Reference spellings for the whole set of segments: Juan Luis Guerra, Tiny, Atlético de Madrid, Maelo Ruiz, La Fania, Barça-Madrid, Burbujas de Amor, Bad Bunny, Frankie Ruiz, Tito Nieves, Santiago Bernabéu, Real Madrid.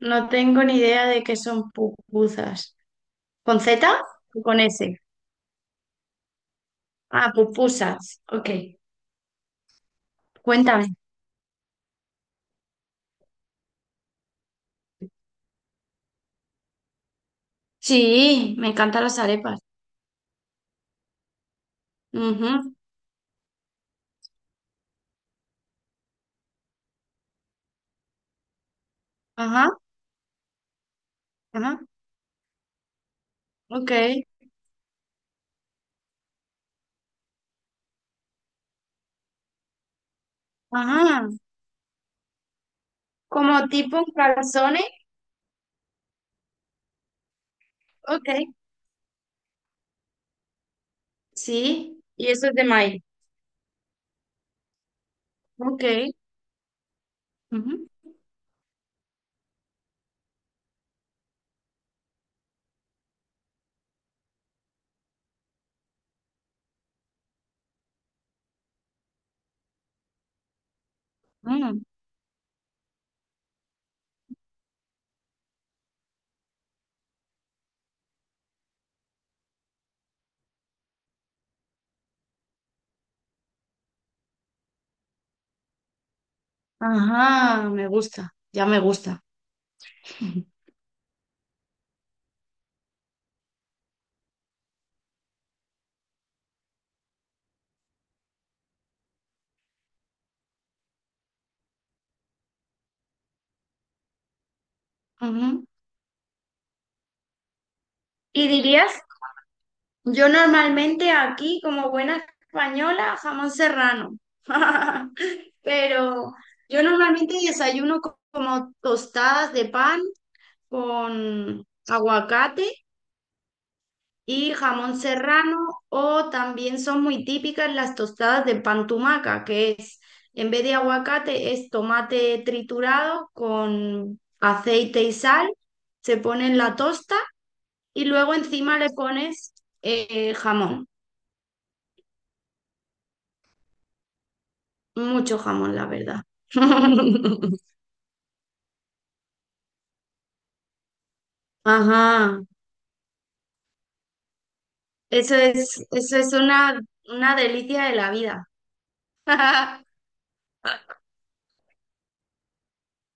No tengo ni idea de qué son pupusas. ¿Con Z o con S? Ah, pupusas. Ok, cuéntame. Sí, me encantan las arepas. Ujú. Ajá. Ajá. Ok. Ajá. Como tipo calzones. Ok. Sí, y eso es de maíz. Ok. Ujú. Mm. Ajá, me gusta, ya me gusta. Ujú. ¿Y dirías Yo normalmente aquí, como buena española, jamón serrano. Pero yo normalmente desayuno como tostadas de pan con aguacate y jamón serrano, o también son muy típicas las tostadas de pan tumaca, que es, en vez de aguacate, es tomate triturado con aceite y sal, se pone en la tosta y luego encima le pones jamón. Mucho jamón, la verdad. Ajá. Eso es una delicia de la vida.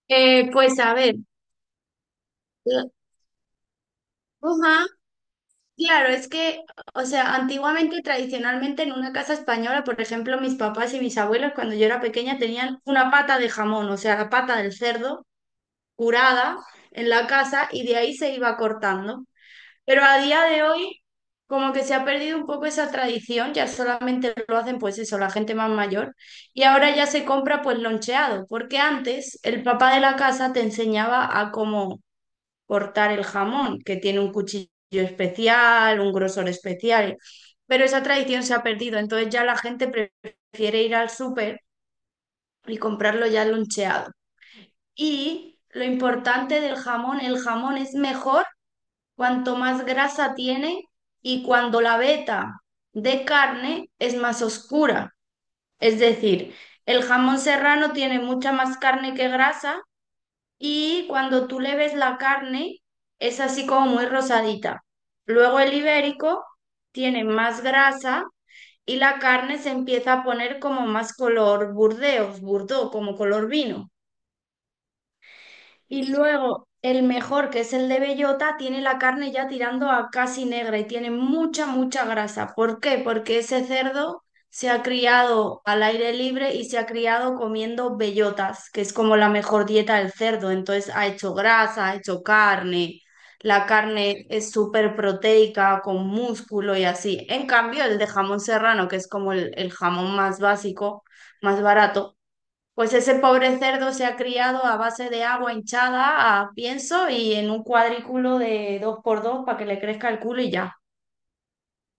Pues a ver, la- ajá, claro, es que, o sea, antiguamente y tradicionalmente en una casa española, por ejemplo, mis papás y mis abuelos cuando yo era pequeña tenían una pata de jamón, o sea, la pata del cerdo curada en la casa y de ahí se iba cortando. Pero a día de hoy, como que se ha perdido un poco esa tradición, ya solamente lo hacen pues eso, la gente más mayor, y ahora ya se compra pues loncheado, porque antes el papá de la casa te enseñaba a cómo cortar el jamón, que tiene un cuchillo especial, un grosor especial, pero esa tradición se ha perdido, entonces ya la gente prefiere ir al súper y comprarlo ya loncheado. Y lo importante del jamón, el jamón es mejor cuanto más grasa tiene y cuando la veta de carne es más oscura. Es decir, el jamón serrano tiene mucha más carne que grasa y cuando tú le ves la carne es así como muy rosadita. Luego el ibérico tiene más grasa y la carne se empieza a poner como más color burdeos, burdo, como color vino. Y luego el mejor, que es el de bellota, tiene la carne ya tirando a casi negra y tiene mucha, mucha grasa. ¿Por qué? Porque ese cerdo se ha criado al aire libre y se ha criado comiendo bellotas, que es como la mejor dieta del cerdo. Entonces ha hecho grasa, ha hecho carne. La carne es súper proteica, con músculo y así. En cambio, el de jamón serrano, que es como el jamón más básico, más barato, pues ese pobre cerdo se ha criado a base de agua hinchada, a pienso y en un cuadrículo de dos por dos para que le crezca el culo y ya.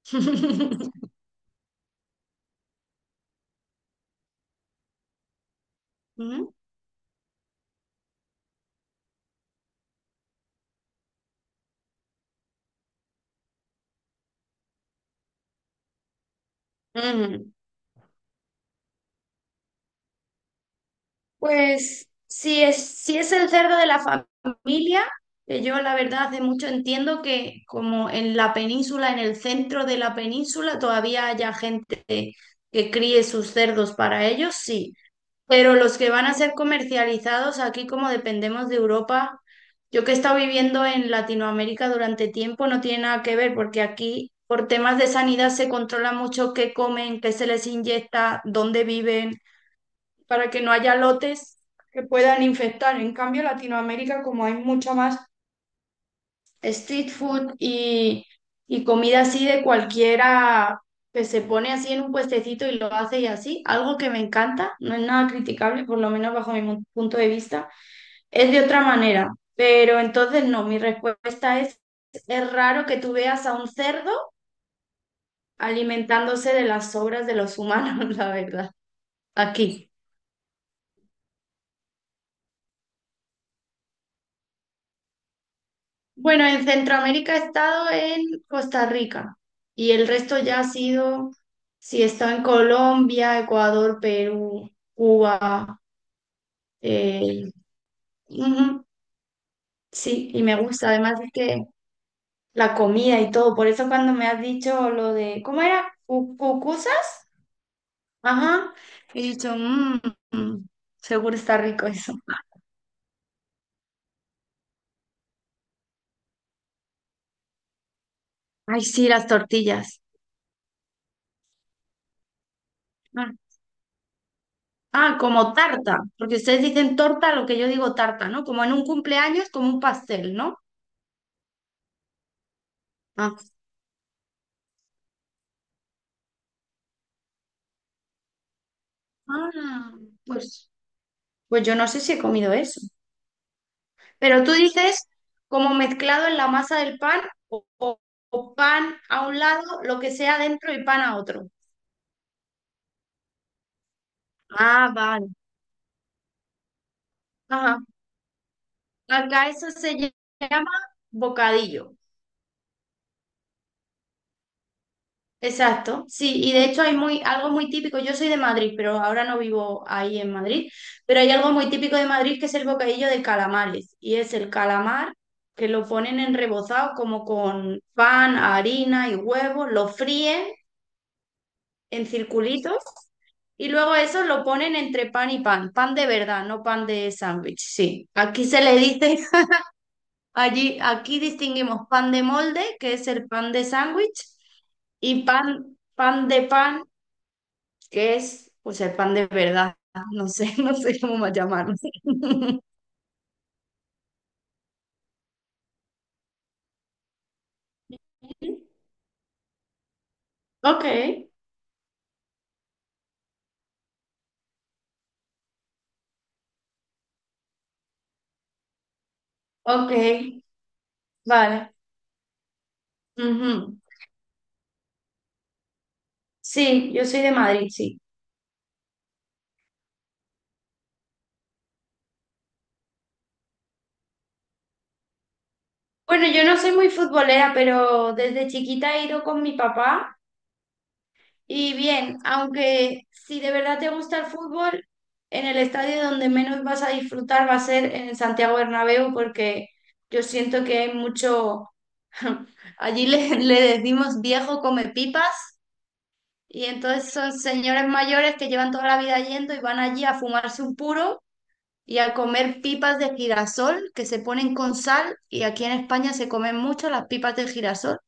Ujú. Ujú. Pues si es el cerdo de la familia, que yo la verdad hace mucho entiendo que como en la península, en el centro de la península, todavía haya gente que críe sus cerdos para ellos, sí. Pero los que van a ser comercializados aquí, como dependemos de Europa, yo que he estado viviendo en Latinoamérica durante tiempo, no tiene nada que ver porque aquí por temas de sanidad se controla mucho qué comen, qué se les inyecta, dónde viven, para que no haya lotes que puedan infectar. En cambio, Latinoamérica, como hay mucha más street food y comida así de cualquiera que se pone así en un puestecito y lo hace y así, algo que me encanta, no es nada criticable, por lo menos bajo mi punto de vista, es de otra manera, pero entonces no, mi respuesta es raro que tú veas a un cerdo alimentándose de las sobras de los humanos, la verdad, aquí. Bueno, en Centroamérica he estado en Costa Rica y el resto ya ha sido, sí, he estado en Colombia, Ecuador, Perú, Cuba, eh, ujú, sí, y me gusta. Además es que la comida y todo, por eso cuando me has dicho lo de, ¿cómo era? Cucusa? Ajá, he dicho, "Mm, mm, seguro está rico eso". Ay, sí, las tortillas. Ah, como tarta, porque ustedes dicen torta, lo que yo digo tarta, ¿no? Como en un cumpleaños, como un pastel, ¿no? Ah, ah, pues, pues yo no sé si he comido eso. Pero tú dices como mezclado en la masa del pan o, o- o pan a un lado, lo que sea dentro y pan a otro. Ah, vale. Ajá. Acá eso se llama bocadillo. Exacto, sí, y de hecho hay algo muy típico, yo soy de Madrid, pero ahora no vivo ahí en Madrid, pero hay algo muy típico de Madrid que es el bocadillo de calamares, y es el calamar que lo ponen en rebozado como con pan, harina y huevo lo fríen en circulitos y luego eso lo ponen entre pan y pan, pan de verdad, no pan de sándwich, sí. Aquí se le dice, allí, aquí distinguimos pan de molde, que es el pan de sándwich, y pan, pan de pan, que es? O sea, pan de verdad. No sé, no sé cómo más llamarlo. Ok, ok, vale. Ujú. Sí, yo soy de Madrid, sí. Bueno, yo no soy muy futbolera, pero desde chiquita he ido con mi papá y bien, aunque si de verdad te gusta el fútbol, en el estadio donde menos vas a disfrutar va a ser en el Santiago Bernabéu porque yo siento que hay mucho, allí le decimos viejo come pipas. Y entonces son señores mayores que llevan toda la vida yendo y van allí a fumarse un puro y a comer pipas de girasol que se ponen con sal. Y aquí en España se comen mucho las pipas de girasol.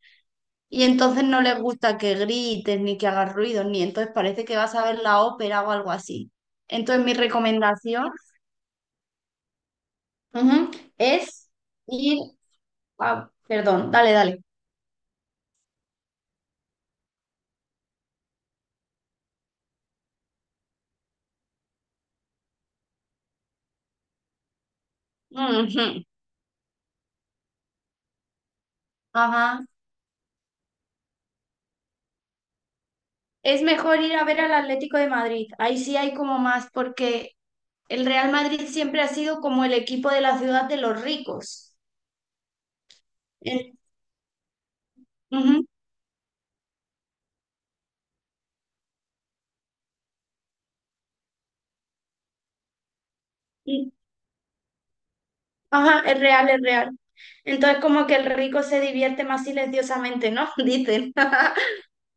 Y entonces no les gusta que grites ni que hagas ruido, ni entonces parece que vas a ver la ópera o algo así. Entonces mi recomendación, ujú, es ir a. Perdón, dale, dale. Ujú. Ajá. Es mejor ir a ver al Atlético de Madrid. Ahí sí hay como más porque el Real Madrid siempre ha sido como el equipo de la ciudad de los ricos. En- ujú, y- Ajá, es real, es real. Entonces como que el rico se divierte más silenciosamente, ¿no? Dicen.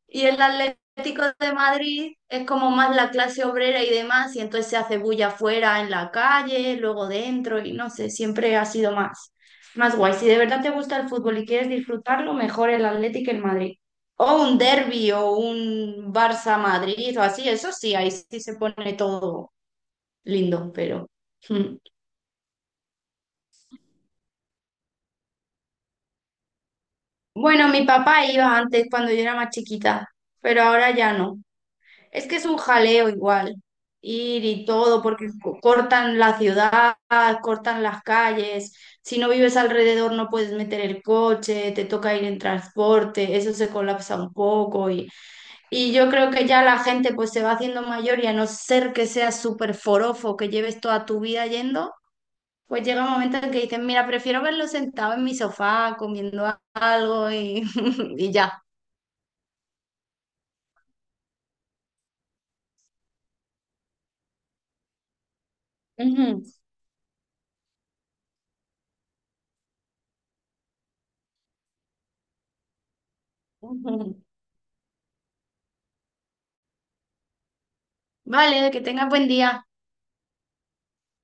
Y el Atlético de Madrid es como más la clase obrera y demás, y entonces se hace bulla afuera en la calle, luego dentro, y no sé, siempre ha sido más, más guay. Si de verdad te gusta el fútbol y quieres disfrutarlo, mejor el Atlético que el Madrid. O un derbi o un Barça-Madrid o así, eso sí, ahí sí se pone todo lindo, pero, mm. Bueno, mi papá iba antes cuando yo era más chiquita, pero ahora ya no. Es que es un jaleo igual, ir y todo, porque cortan la ciudad, cortan las calles, si no vives alrededor no puedes meter el coche, te toca ir en transporte, eso se colapsa un poco y yo creo que ya la gente pues se va haciendo mayor y a no ser que seas súper forofo, que lleves toda tu vida yendo, pues llega un momento en que dicen, mira, prefiero verlo sentado en mi sofá comiendo algo y, y ya. Ujú. Ujú. Vale, que tengas buen día.